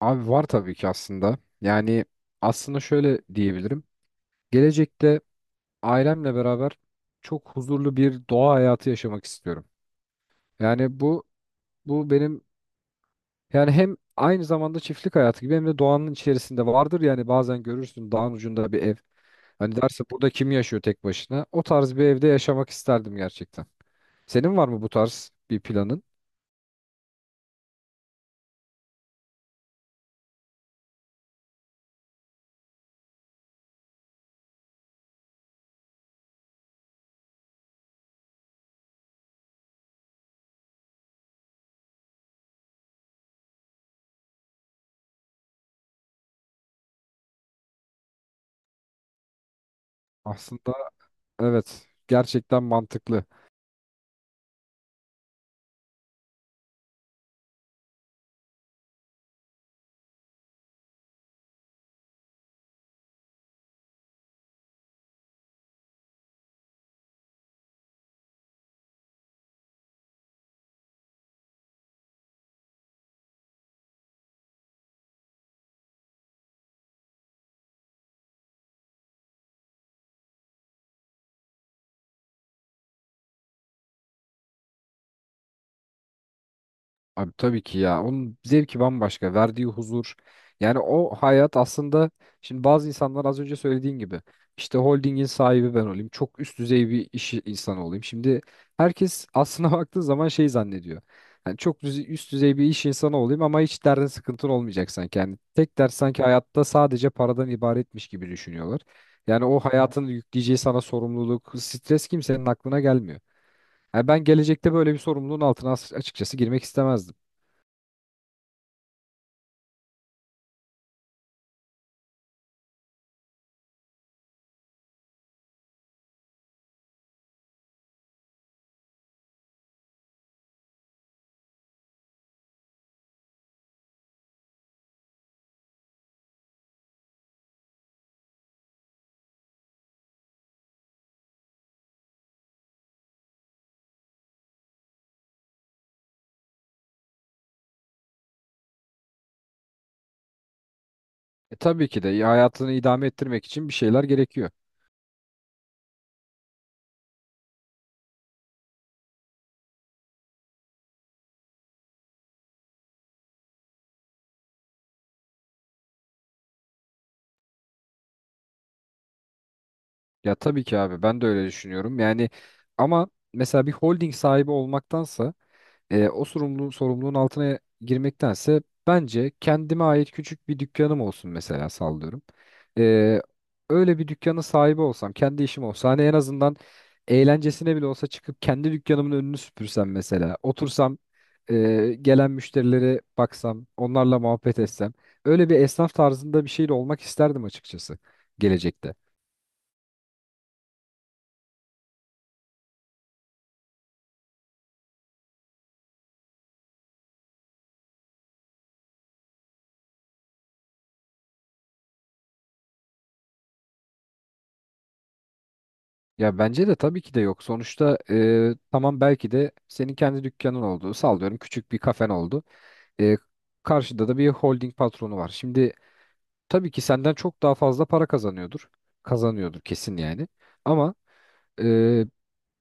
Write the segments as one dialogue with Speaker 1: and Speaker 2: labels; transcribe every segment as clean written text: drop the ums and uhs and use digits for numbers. Speaker 1: Abi var tabii ki aslında. Yani aslında şöyle diyebilirim. Gelecekte ailemle beraber çok huzurlu bir doğa hayatı yaşamak istiyorum. Yani bu benim, yani hem aynı zamanda çiftlik hayatı gibi hem de doğanın içerisinde vardır. Yani bazen görürsün dağın ucunda bir ev. Hani derse burada kim yaşıyor tek başına? O tarz bir evde yaşamak isterdim gerçekten. Senin var mı bu tarz bir planın? Aslında evet, gerçekten mantıklı. Abi tabii ki ya. Onun zevki bambaşka. Verdiği huzur. Yani o hayat aslında, şimdi bazı insanlar az önce söylediğin gibi işte holdingin sahibi ben olayım. Çok üst düzey bir iş insanı olayım. Şimdi herkes aslına baktığı zaman şey zannediyor. Yani çok üst düzey bir iş insanı olayım ama hiç derdin sıkıntın olmayacak sanki. Yani tek dert sanki hayatta sadece paradan ibaretmiş gibi düşünüyorlar. Yani o hayatın yükleyeceği sana sorumluluk, stres kimsenin aklına gelmiyor. Yani ben gelecekte böyle bir sorumluluğun altına açıkçası girmek istemezdim. Tabii ki de ya, hayatını idame ettirmek için bir şeyler gerekiyor. Ya tabii ki abi, ben de öyle düşünüyorum. Yani ama mesela bir holding sahibi olmaktansa, o sorumluluğun altına girmektense bence kendime ait küçük bir dükkanım olsun mesela, sallıyorum. E, öyle bir dükkanın sahibi olsam, kendi işim olsa, hani en azından eğlencesine bile olsa çıkıp kendi dükkanımın önünü süpürsem mesela, otursam, gelen müşterilere baksam, onlarla muhabbet etsem. Öyle bir esnaf tarzında bir şey de olmak isterdim açıkçası, gelecekte. Ya bence de tabii ki de yok. Sonuçta tamam, belki de senin kendi dükkanın oldu. Sallıyorum, küçük bir kafen oldu. E, karşıda da bir holding patronu var. Şimdi tabii ki senden çok daha fazla para kazanıyordur. Kazanıyordur kesin yani. Ama e,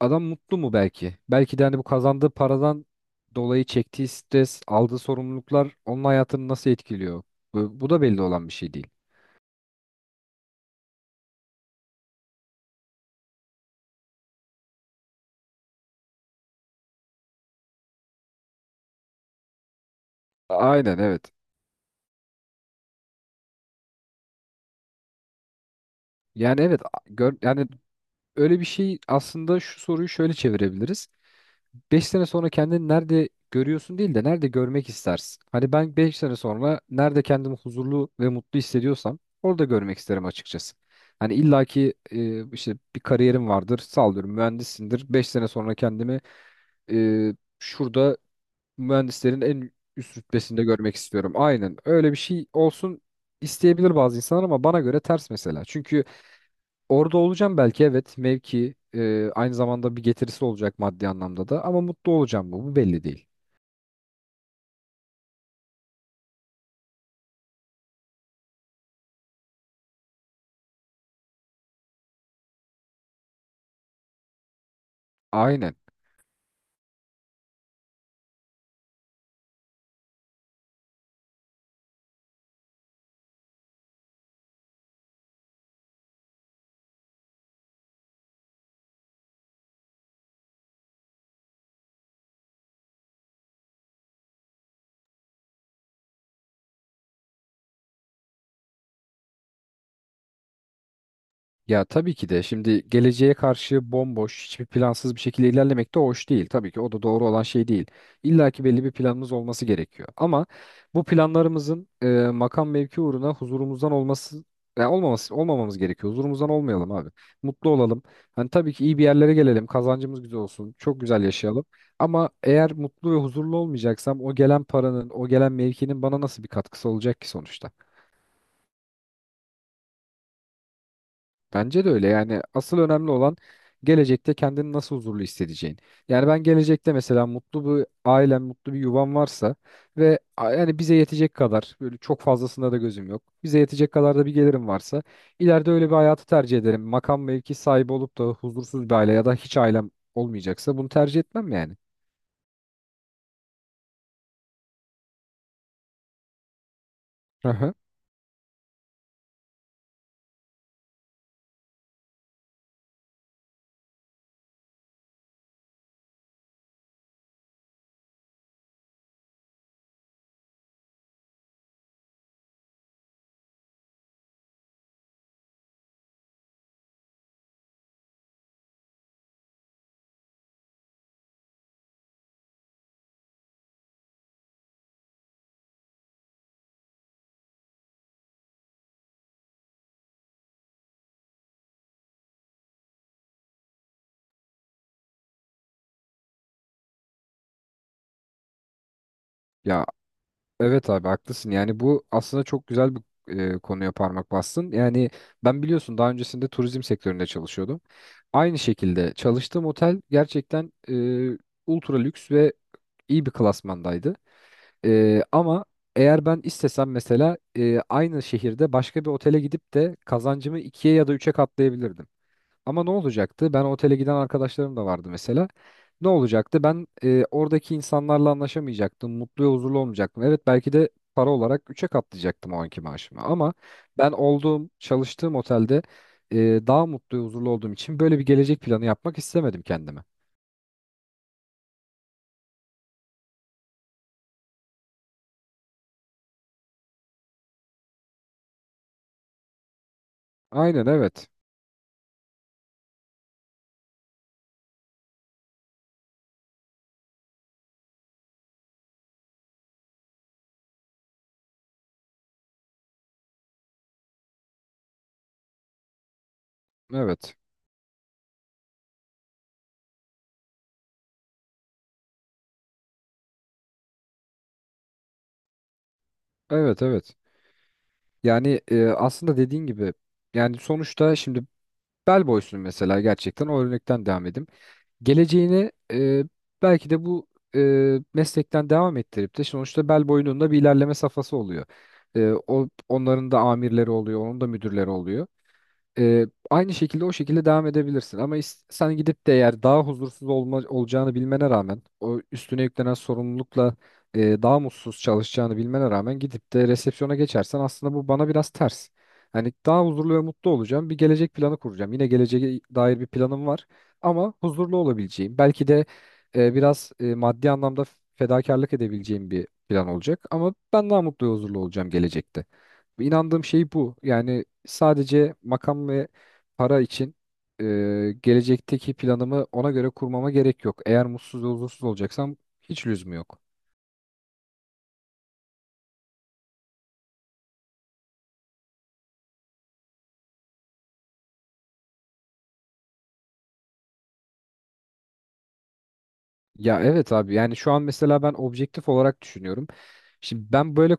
Speaker 1: adam mutlu mu belki? Belki de hani bu kazandığı paradan dolayı çektiği stres, aldığı sorumluluklar onun hayatını nasıl etkiliyor? Bu da belli olan bir şey değil. Aynen evet. Yani evet, yani öyle bir şey aslında, şu soruyu şöyle çevirebiliriz. 5 sene sonra kendini nerede görüyorsun değil de nerede görmek istersin? Hani ben 5 sene sonra nerede kendimi huzurlu ve mutlu hissediyorsam orada görmek isterim açıkçası. Hani illaki işte bir kariyerim vardır, sallıyorum mühendissindir. 5 sene sonra kendimi e, şurada mühendislerin en üst rütbesinde görmek istiyorum. Aynen öyle bir şey olsun isteyebilir bazı insanlar ama bana göre ters mesela. Çünkü orada olacağım belki, evet, mevki, aynı zamanda bir getirisi olacak maddi anlamda da, ama mutlu olacağım mı, bu belli değil. Aynen. Ya tabii ki de, şimdi geleceğe karşı bomboş, hiçbir plansız bir şekilde ilerlemek de hoş değil. Tabii ki o da doğru olan şey değil. İlla ki belli bir planımız olması gerekiyor. Ama bu planlarımızın makam mevki uğruna huzurumuzdan olması ya olmaması, olmamamız gerekiyor. Huzurumuzdan olmayalım abi. Mutlu olalım. Hani tabii ki iyi bir yerlere gelelim. Kazancımız güzel olsun. Çok güzel yaşayalım. Ama eğer mutlu ve huzurlu olmayacaksam, o gelen paranın, o gelen mevkinin bana nasıl bir katkısı olacak ki sonuçta? Bence de öyle. Yani asıl önemli olan gelecekte kendini nasıl huzurlu hissedeceğin. Yani ben gelecekte mesela mutlu bir ailem, mutlu bir yuvam varsa ve yani bize yetecek kadar, böyle çok fazlasında da gözüm yok. Bize yetecek kadar da bir gelirim varsa ileride öyle bir hayatı tercih ederim. Makam mevki sahibi olup da huzursuz bir aile ya da hiç ailem olmayacaksa bunu tercih etmem yani. Aha. Ya evet abi, haklısın. Yani bu aslında çok güzel bir, konuya parmak bastın. Yani ben biliyorsun, daha öncesinde turizm sektöründe çalışıyordum. Aynı şekilde çalıştığım otel gerçekten ultra lüks ve iyi bir klasmandaydı. Ama eğer ben istesem mesela, aynı şehirde başka bir otele gidip de kazancımı ikiye ya da üçe katlayabilirdim. Ama ne olacaktı? Ben otele giden arkadaşlarım da vardı mesela. Ne olacaktı? Ben oradaki insanlarla anlaşamayacaktım. Mutlu ve huzurlu olmayacaktım. Evet, belki de para olarak üçe katlayacaktım o anki maaşımı. Ama ben olduğum, çalıştığım otelde e, daha mutlu ve huzurlu olduğum için böyle bir gelecek planı yapmak istemedim kendime. Aynen evet. Evet. Evet evet. Yani aslında dediğin gibi, yani sonuçta şimdi bel boysun mesela, gerçekten o örnekten devam edeyim. Geleceğini belki de bu meslekten devam ettirip de, sonuçta bel boyunun da bir ilerleme safhası oluyor. Onların da amirleri oluyor, onun da müdürleri oluyor. Aynı şekilde o şekilde devam edebilirsin. Ama sen gidip de, eğer daha huzursuz olacağını bilmene rağmen, o üstüne yüklenen sorumlulukla daha mutsuz çalışacağını bilmene rağmen gidip de resepsiyona geçersen, aslında bu bana biraz ters. Hani daha huzurlu ve mutlu olacağım. Bir gelecek planı kuracağım. Yine geleceğe dair bir planım var ama huzurlu olabileceğim. Belki de biraz maddi anlamda fedakarlık edebileceğim bir plan olacak ama ben daha mutlu ve huzurlu olacağım gelecekte. İnandığım şey bu. Yani sadece makam ve para için e, gelecekteki planımı ona göre kurmama gerek yok. Eğer mutsuz ve huzursuz olacaksam hiç lüzumu yok. Ya evet abi, yani şu an mesela ben objektif olarak düşünüyorum. Şimdi ben böyle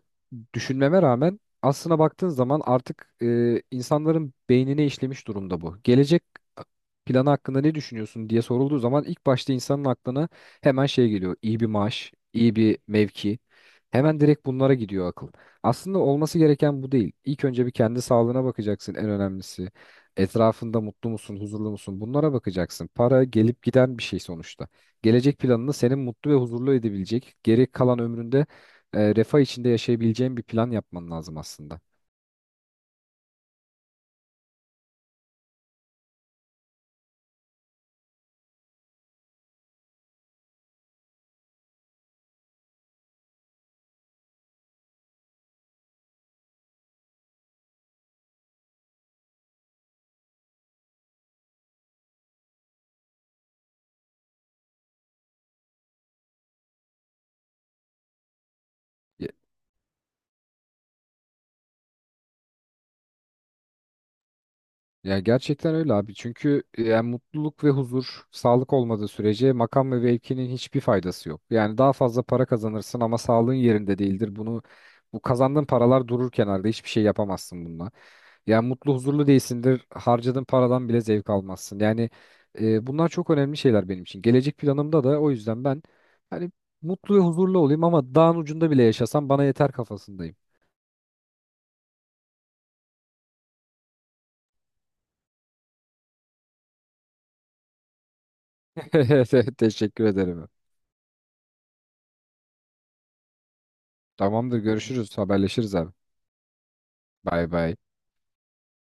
Speaker 1: düşünmeme rağmen, aslına baktığın zaman artık insanların beynine işlemiş durumda bu. Gelecek planı hakkında ne düşünüyorsun diye sorulduğu zaman ilk başta insanın aklına hemen şey geliyor. İyi bir maaş, iyi bir mevki. Hemen direkt bunlara gidiyor akıl. Aslında olması gereken bu değil. İlk önce bir kendi sağlığına bakacaksın, en önemlisi. Etrafında mutlu musun, huzurlu musun? Bunlara bakacaksın. Para gelip giden bir şey sonuçta. Gelecek planını senin mutlu ve huzurlu edebilecek, geri kalan ömründe refah içinde yaşayabileceğin bir plan yapman lazım aslında. Ya, ya gerçekten öyle abi. Çünkü yani mutluluk ve huzur, sağlık olmadığı sürece makam ve mevkinin hiçbir faydası yok. Yani daha fazla para kazanırsın ama sağlığın yerinde değildir. Bu kazandığın paralar durur kenarda. Hiçbir şey yapamazsın bununla. Yani mutlu huzurlu değilsindir. Harcadığın paradan bile zevk almazsın. Yani bunlar çok önemli şeyler benim için. Gelecek planımda da o yüzden ben hani mutlu ve huzurlu olayım ama dağın ucunda bile yaşasam bana yeter kafasındayım. Evet evet, teşekkür ederim. Tamamdır, görüşürüz, haberleşiriz abi. Bay bay.